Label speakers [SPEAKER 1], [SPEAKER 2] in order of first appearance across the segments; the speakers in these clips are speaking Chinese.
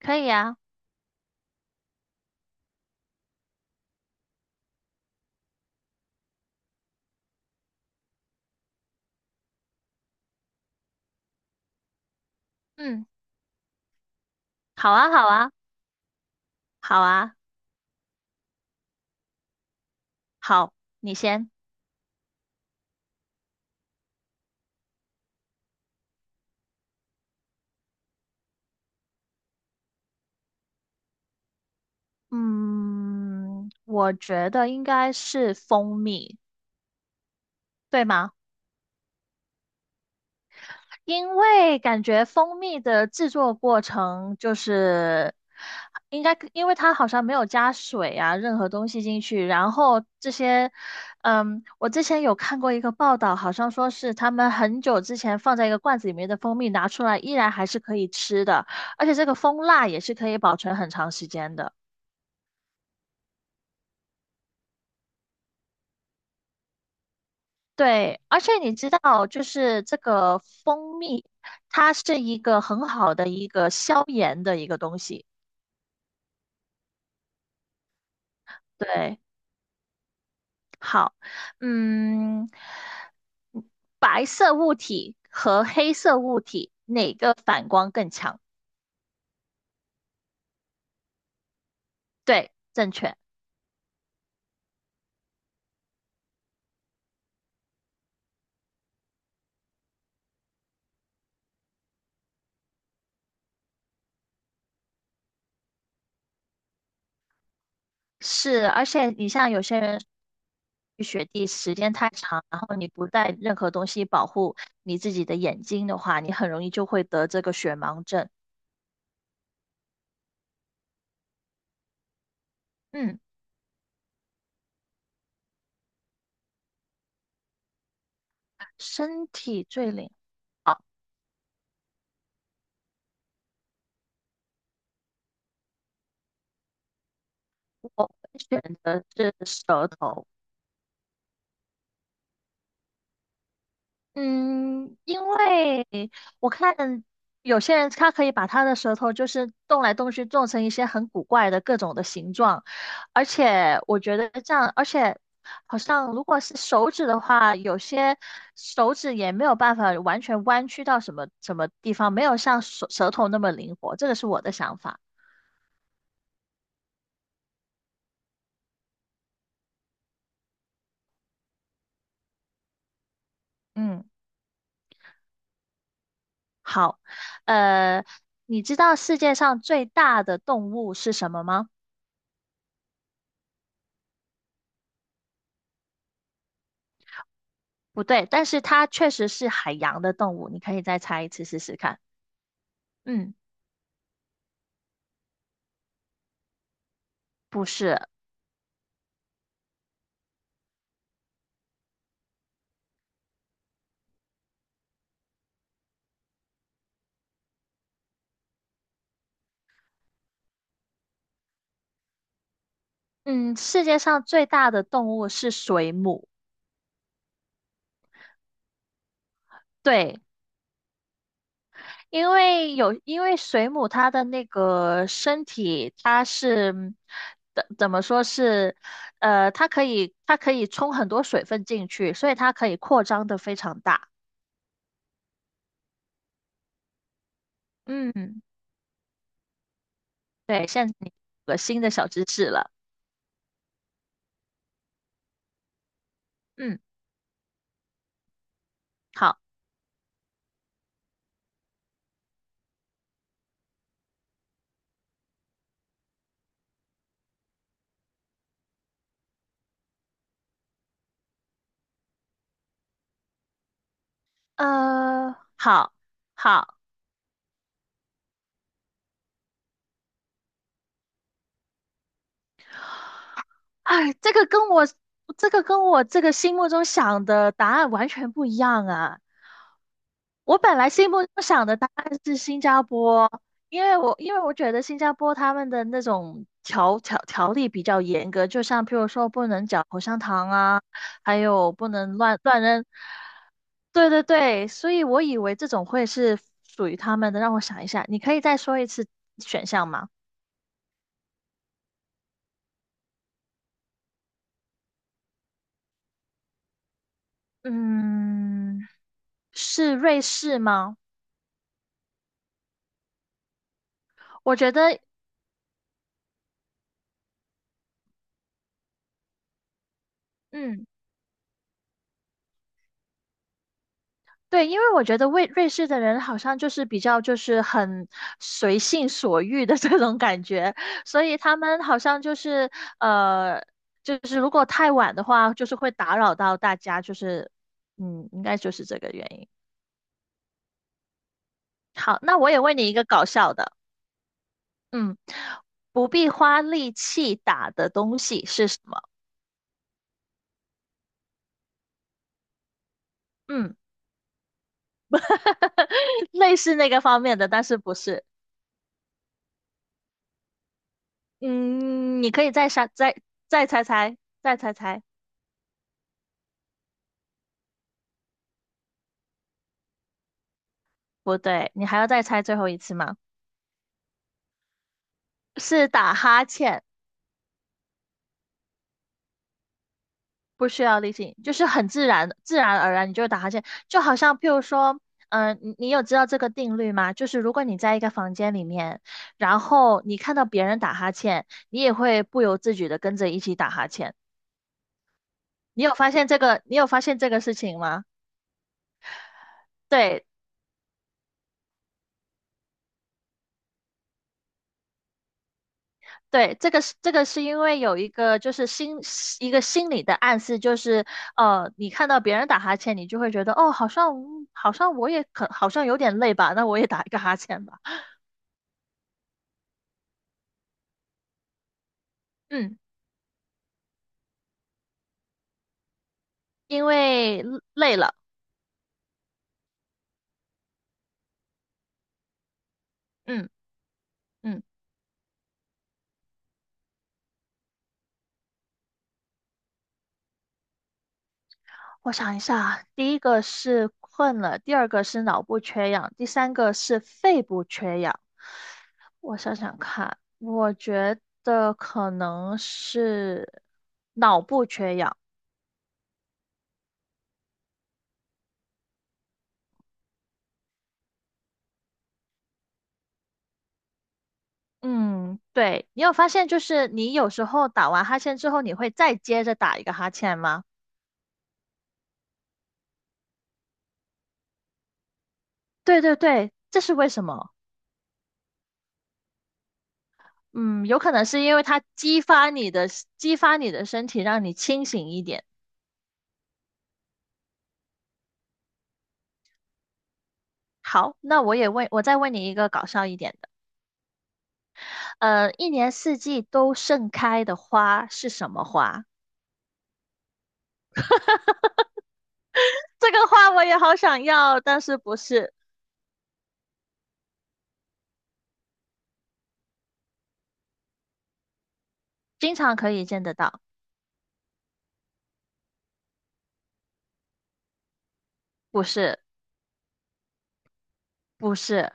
[SPEAKER 1] 可以啊。嗯，好啊，好啊，好啊。好，你先。嗯，我觉得应该是蜂蜜，对吗？因为感觉蜂蜜的制作过程就是应该，因为它好像没有加水啊，任何东西进去。然后这些，我之前有看过一个报道，好像说是他们很久之前放在一个罐子里面的蜂蜜拿出来，依然还是可以吃的，而且这个蜂蜡也是可以保存很长时间的。对，而且你知道，就是这个蜂蜜，它是一个很好的一个消炎的一个东西。对。好。嗯，白色物体和黑色物体哪个反光更强？对，正确。是，而且你像有些人去雪地时间太长，然后你不带任何东西保护你自己的眼睛的话，你很容易就会得这个雪盲症。嗯，身体最灵，我会选择是舌头。嗯，因为我看有些人他可以把他的舌头就是动来动去，做成一些很古怪的各种的形状，而且我觉得这样，而且好像如果是手指的话，有些手指也没有办法完全弯曲到什么什么地方，没有像舌头那么灵活，这个是我的想法。嗯，好，呃，你知道世界上最大的动物是什么吗？不对，但是它确实是海洋的动物，你可以再猜一次试试看。嗯，不是。嗯，世界上最大的动物是水母。对，因为水母它的那个身体，它是嗯怎怎么说是，呃，它可以它可以冲很多水分进去，所以它可以扩张的非常大。嗯，对，现在你有个新的小知识了。嗯，好，好，好。哎，这个跟我这个心目中想的答案完全不一样啊！我本来心目中想的答案是新加坡，因为我觉得新加坡他们的那种条例比较严格，就像譬如说不能嚼口香糖啊，还有不能乱扔。对对对，所以我以为这种会是属于他们的。让我想一下，你可以再说一次选项吗？嗯，是瑞士吗？我觉得，嗯，对，因为我觉得瑞士的人好像就是比较就是很随性所欲的 这种感觉，所以他们好像就是呃，就是如果太晚的话，就是会打扰到大家，应该就是这个原因。好，那我也问你一个搞笑的。嗯，不必花力气打的东西是什么？嗯，类似那个方面的，但是不是。嗯，你可以再猜，再猜猜，再猜猜。不对，你还要再猜最后一次吗？是打哈欠，不需要力气，就是很自然，自然而然你就会打哈欠，就好像譬如说，你有知道这个定律吗？就是如果你在一个房间里面，然后你看到别人打哈欠，你也会不由自主的跟着一起打哈欠。你有发现这个？你有发现这个事情吗？对，对，这个是这个是因为有一个就是一个心理的暗示，就是你看到别人打哈欠，你就会觉得哦，好像好像我也可好像有点累吧，那我也打一个哈欠吧。嗯，因为累了。嗯嗯，我想一下啊，第一个是困了，第二个是脑部缺氧，第三个是肺部缺氧。我想想看，我觉得可能是脑部缺氧。嗯，对，你有发现就是你有时候打完哈欠之后，你会再接着打一个哈欠吗？对对对，这是为什么？嗯，有可能是因为它激发你的激发你的身体，让你清醒一点。好，那我也问，我再问你一个搞笑一点的。一年四季都盛开的花是什么花？这个花我也好想要，但是不是经常可以见得到？不是，不是。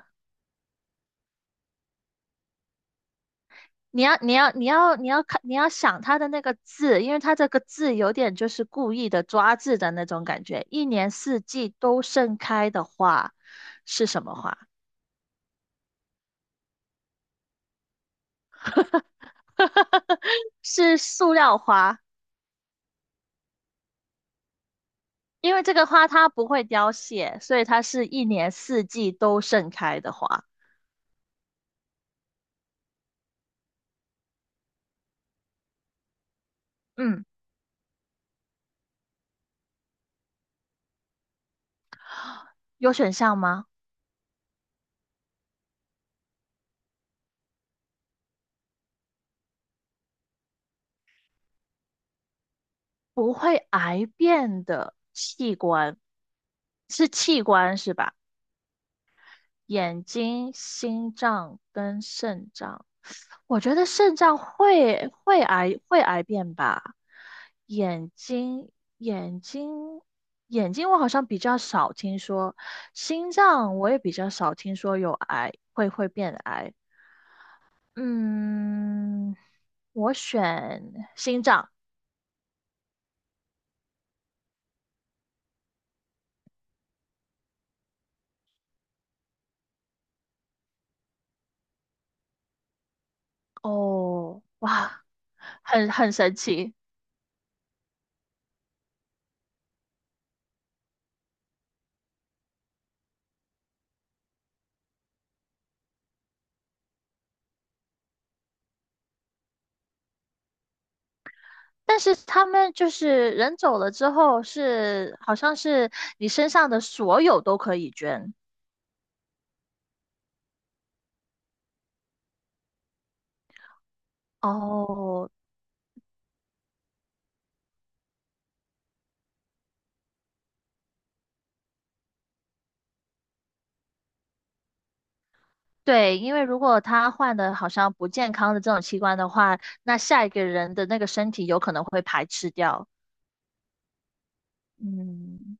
[SPEAKER 1] 你要看你要想它的那个字，因为它这个字有点就是故意的抓字的那种感觉。一年四季都盛开的花是什么花？是塑料花，因为这个花它不会凋谢，所以它是一年四季都盛开的花。嗯，有选项吗？不会癌变的器官是器官是吧？眼睛、心脏跟肾脏。我觉得肾脏会癌变吧，眼睛眼睛眼睛我好像比较少听说，心脏我也比较少听说有会变癌。嗯，我选心脏。哦，哇，很神奇。但是他们就是人走了之后是好像是你身上的所有都可以捐。哦，对，因为如果他换的好像不健康的这种器官的话，那下一个人的那个身体有可能会排斥掉。嗯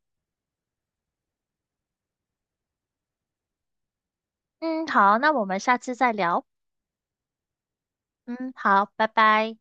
[SPEAKER 1] 嗯，好，那我们下次再聊。嗯，好，拜拜。